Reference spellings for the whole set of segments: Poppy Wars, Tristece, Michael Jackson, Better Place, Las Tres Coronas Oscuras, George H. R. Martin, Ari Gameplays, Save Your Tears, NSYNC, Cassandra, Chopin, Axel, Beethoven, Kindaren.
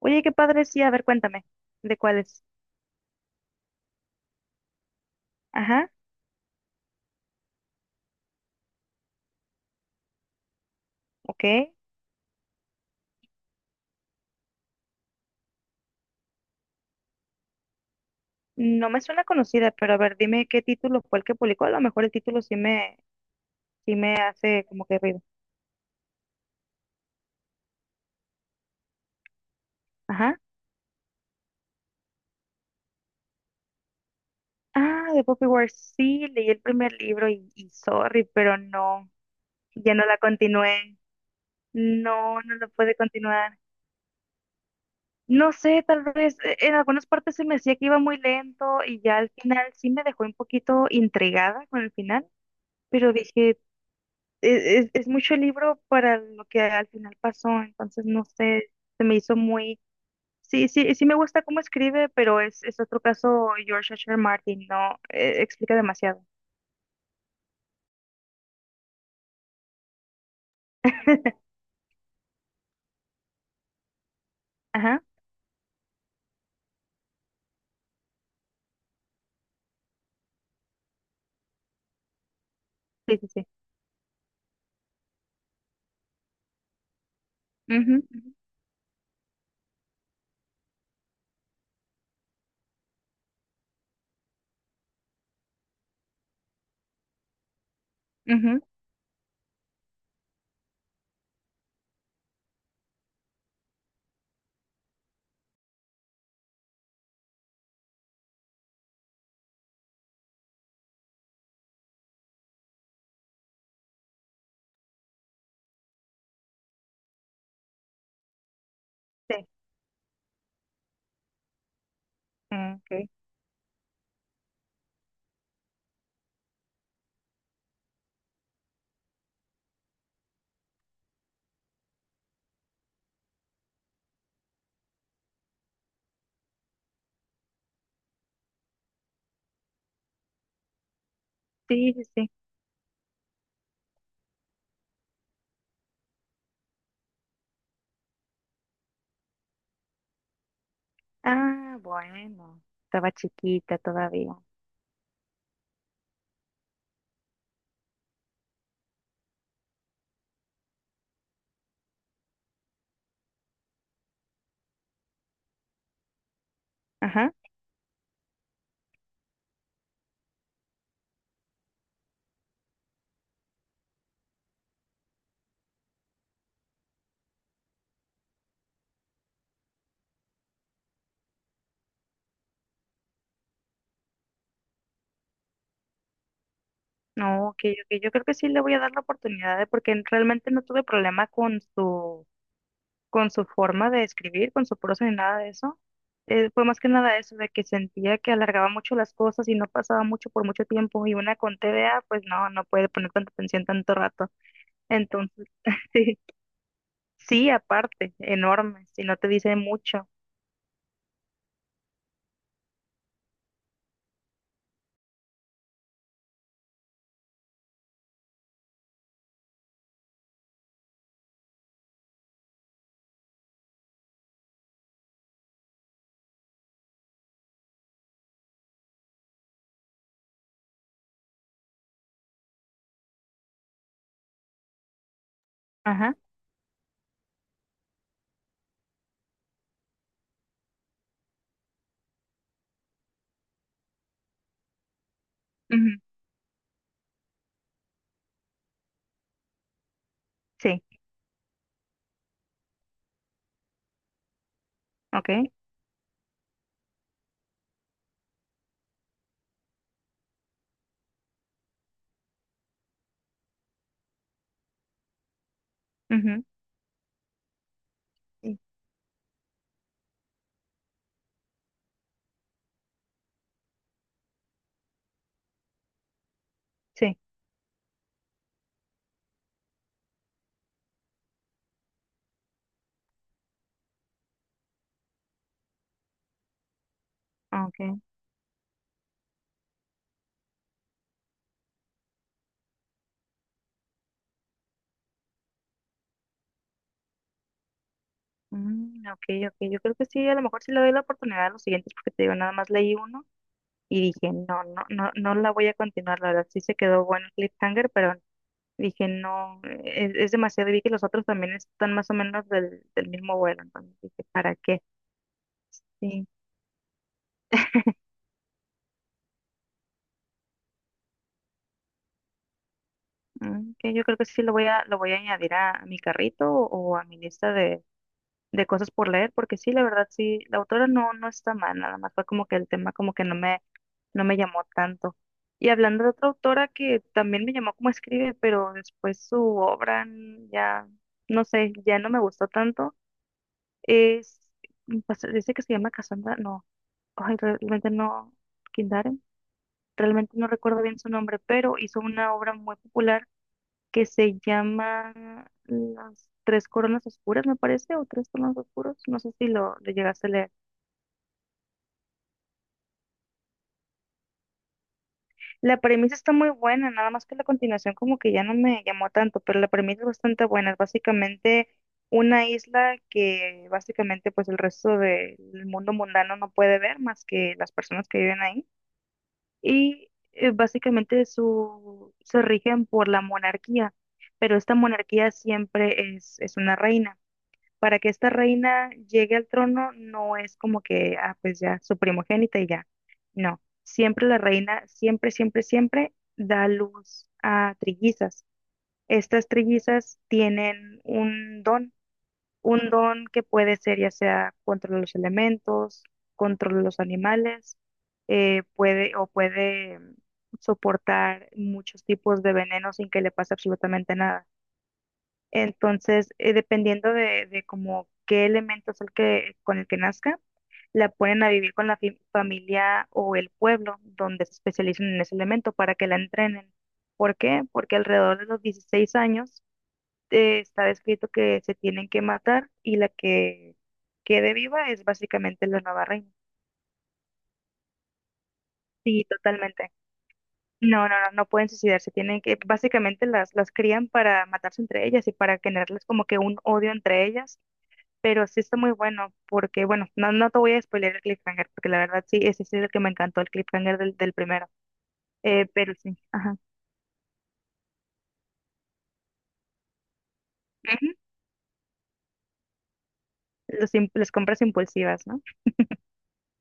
Oye, qué padre, sí, a ver, cuéntame, ¿de cuáles? Ajá, ok. No me suena conocida, pero a ver, dime qué título fue el que publicó. A lo mejor el título sí me hace como que ruido. Ajá. Ah, de Poppy Wars, sí, leí el primer libro y sorry, pero no, ya no la continué. No, no lo puede continuar. No sé, tal vez en algunas partes se me decía que iba muy lento y ya al final sí me dejó un poquito intrigada con el final, pero dije, es mucho libro para lo que al final pasó, entonces no sé, se me hizo muy... Sí, sí, sí me gusta cómo escribe, pero es otro caso George H. R. Martin, no, explica demasiado. Ajá, sí, sí, sí. Ujú, ujú, ujú, sí, ah, ok. Sí, sí, sí. Ah, bueno, estaba chiquita todavía. Ajá, no, ok, ok, yo creo que sí le voy a dar la oportunidad, ¿eh? Porque realmente no tuve problema con su forma de escribir, con su prosa ni nada de eso. Fue más que nada eso, de que sentía que alargaba mucho las cosas y no pasaba mucho por mucho tiempo. Y una con TDA, pues no, no puede poner tanta atención tanto rato. Entonces, sí, sí, aparte, enorme, si no te dice mucho. Ajá, ujú, sí, ok, ujú, sí, sí, ok, mm, ok, ok. Yo creo que sí, a lo mejor sí le doy la oportunidad a los siguientes, porque te digo, nada más leí uno y dije, no, no, no, no la voy a continuar, la verdad, sí se quedó bueno el cliffhanger, pero dije, no, es demasiado. Y vi que los otros también están más o menos del mismo vuelo. Entonces dije, ¿para qué? Sí, mm, que yo creo que sí lo voy a añadir a mi carrito o a mi lista de cosas por leer, porque sí, la verdad, sí, la autora no, no está mal, nada más fue como que el tema como que no me llamó tanto. Y hablando de otra autora que también me llamó como escribe, pero después su obra mm, ya, no sé, ya no me gustó tanto, es, pues, dice que se llama Cassandra, no. Ay, realmente no, Kindaren, realmente no recuerdo bien su nombre, pero hizo una obra muy popular que se llama Las Tres Coronas Oscuras, me parece, o Tres Coronas Oscuros, no sé si lo, lo llegaste a leer. La premisa está muy buena, nada más que la continuación como que ya no me llamó tanto, pero la premisa es bastante buena, es básicamente una isla que básicamente pues el resto del mundo mundano no puede ver más que las personas que viven ahí y básicamente se rigen por la monarquía, pero esta monarquía siempre es una reina. Para que esta reina llegue al trono no es como que, ah, pues ya, su primogénita y ya. No, siempre la reina, siempre, siempre, siempre da luz a trillizas. Estas trillizas tienen un don, un don que puede ser ya sea control de los elementos, control de los animales, puede o puede mm, soportar muchos tipos de veneno sin que le pase absolutamente nada. Entonces, dependiendo de como qué elemento es el que, con el que nazca, la ponen a vivir con la familia o el pueblo donde se especializan en ese elemento para que la entrenen. ¿Por qué? Porque alrededor de los 16 años está escrito que se tienen que matar y la que quede viva es básicamente la nueva reina. Sí, totalmente. No, no, no, no pueden suicidarse, tienen que, básicamente las crían para matarse entre ellas y para generarles como que un odio entre ellas, pero sí está muy bueno, porque bueno, no, no te voy a spoiler el cliffhanger, porque la verdad sí, ese sí es el que me encantó, el cliffhanger del primero, pero sí, ajá, ujú, las compras impulsivas, ¿no?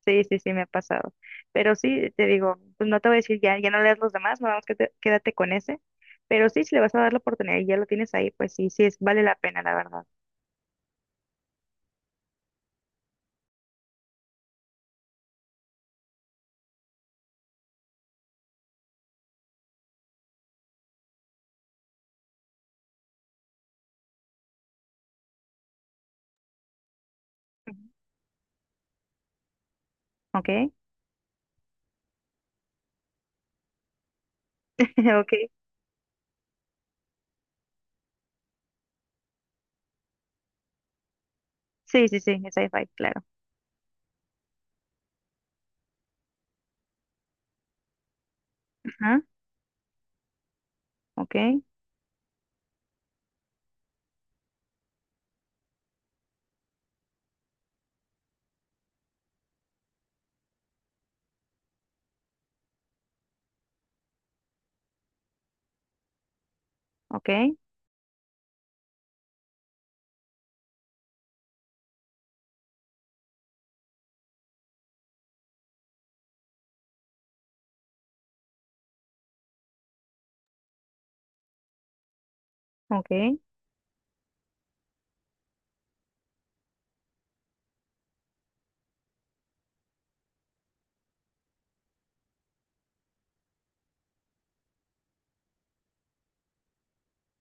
Sí, sí, sí, me ha pasado. Pero sí, te digo, pues no te voy a decir ya, ya no leas los demás, nada más que quédate con ese. Pero sí, si le vas a dar la oportunidad y ya lo tienes ahí, pues sí, sí, es, vale la pena, la verdad. Ujú. ¿Ok? ¿Ok? Sí, sí, sí, es sci-fi, claro. Ajá, ok, ok, ok,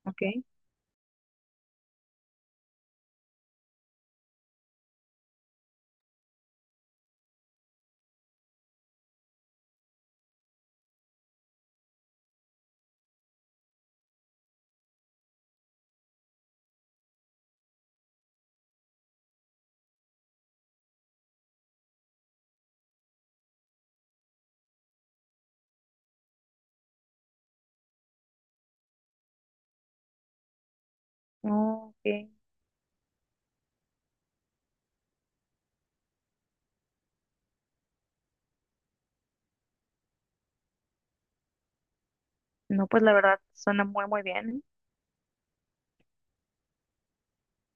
ok, ok. No, pues la verdad suena muy, muy bien.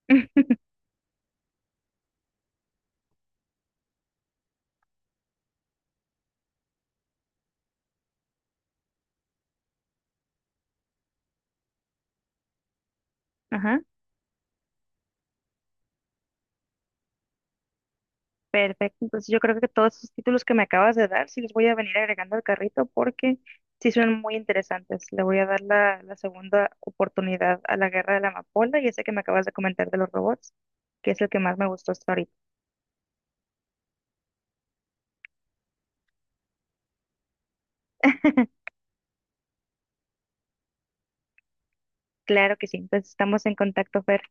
Ajá. Perfecto, entonces yo creo que todos esos títulos que me acabas de dar, sí los voy a venir agregando al carrito porque sí son muy interesantes. Le voy a dar la segunda oportunidad a la Guerra de la Amapola y ese que me acabas de comentar de los robots, que es el que más me gustó hasta ahorita. Claro que sí, entonces estamos en contacto, Fer.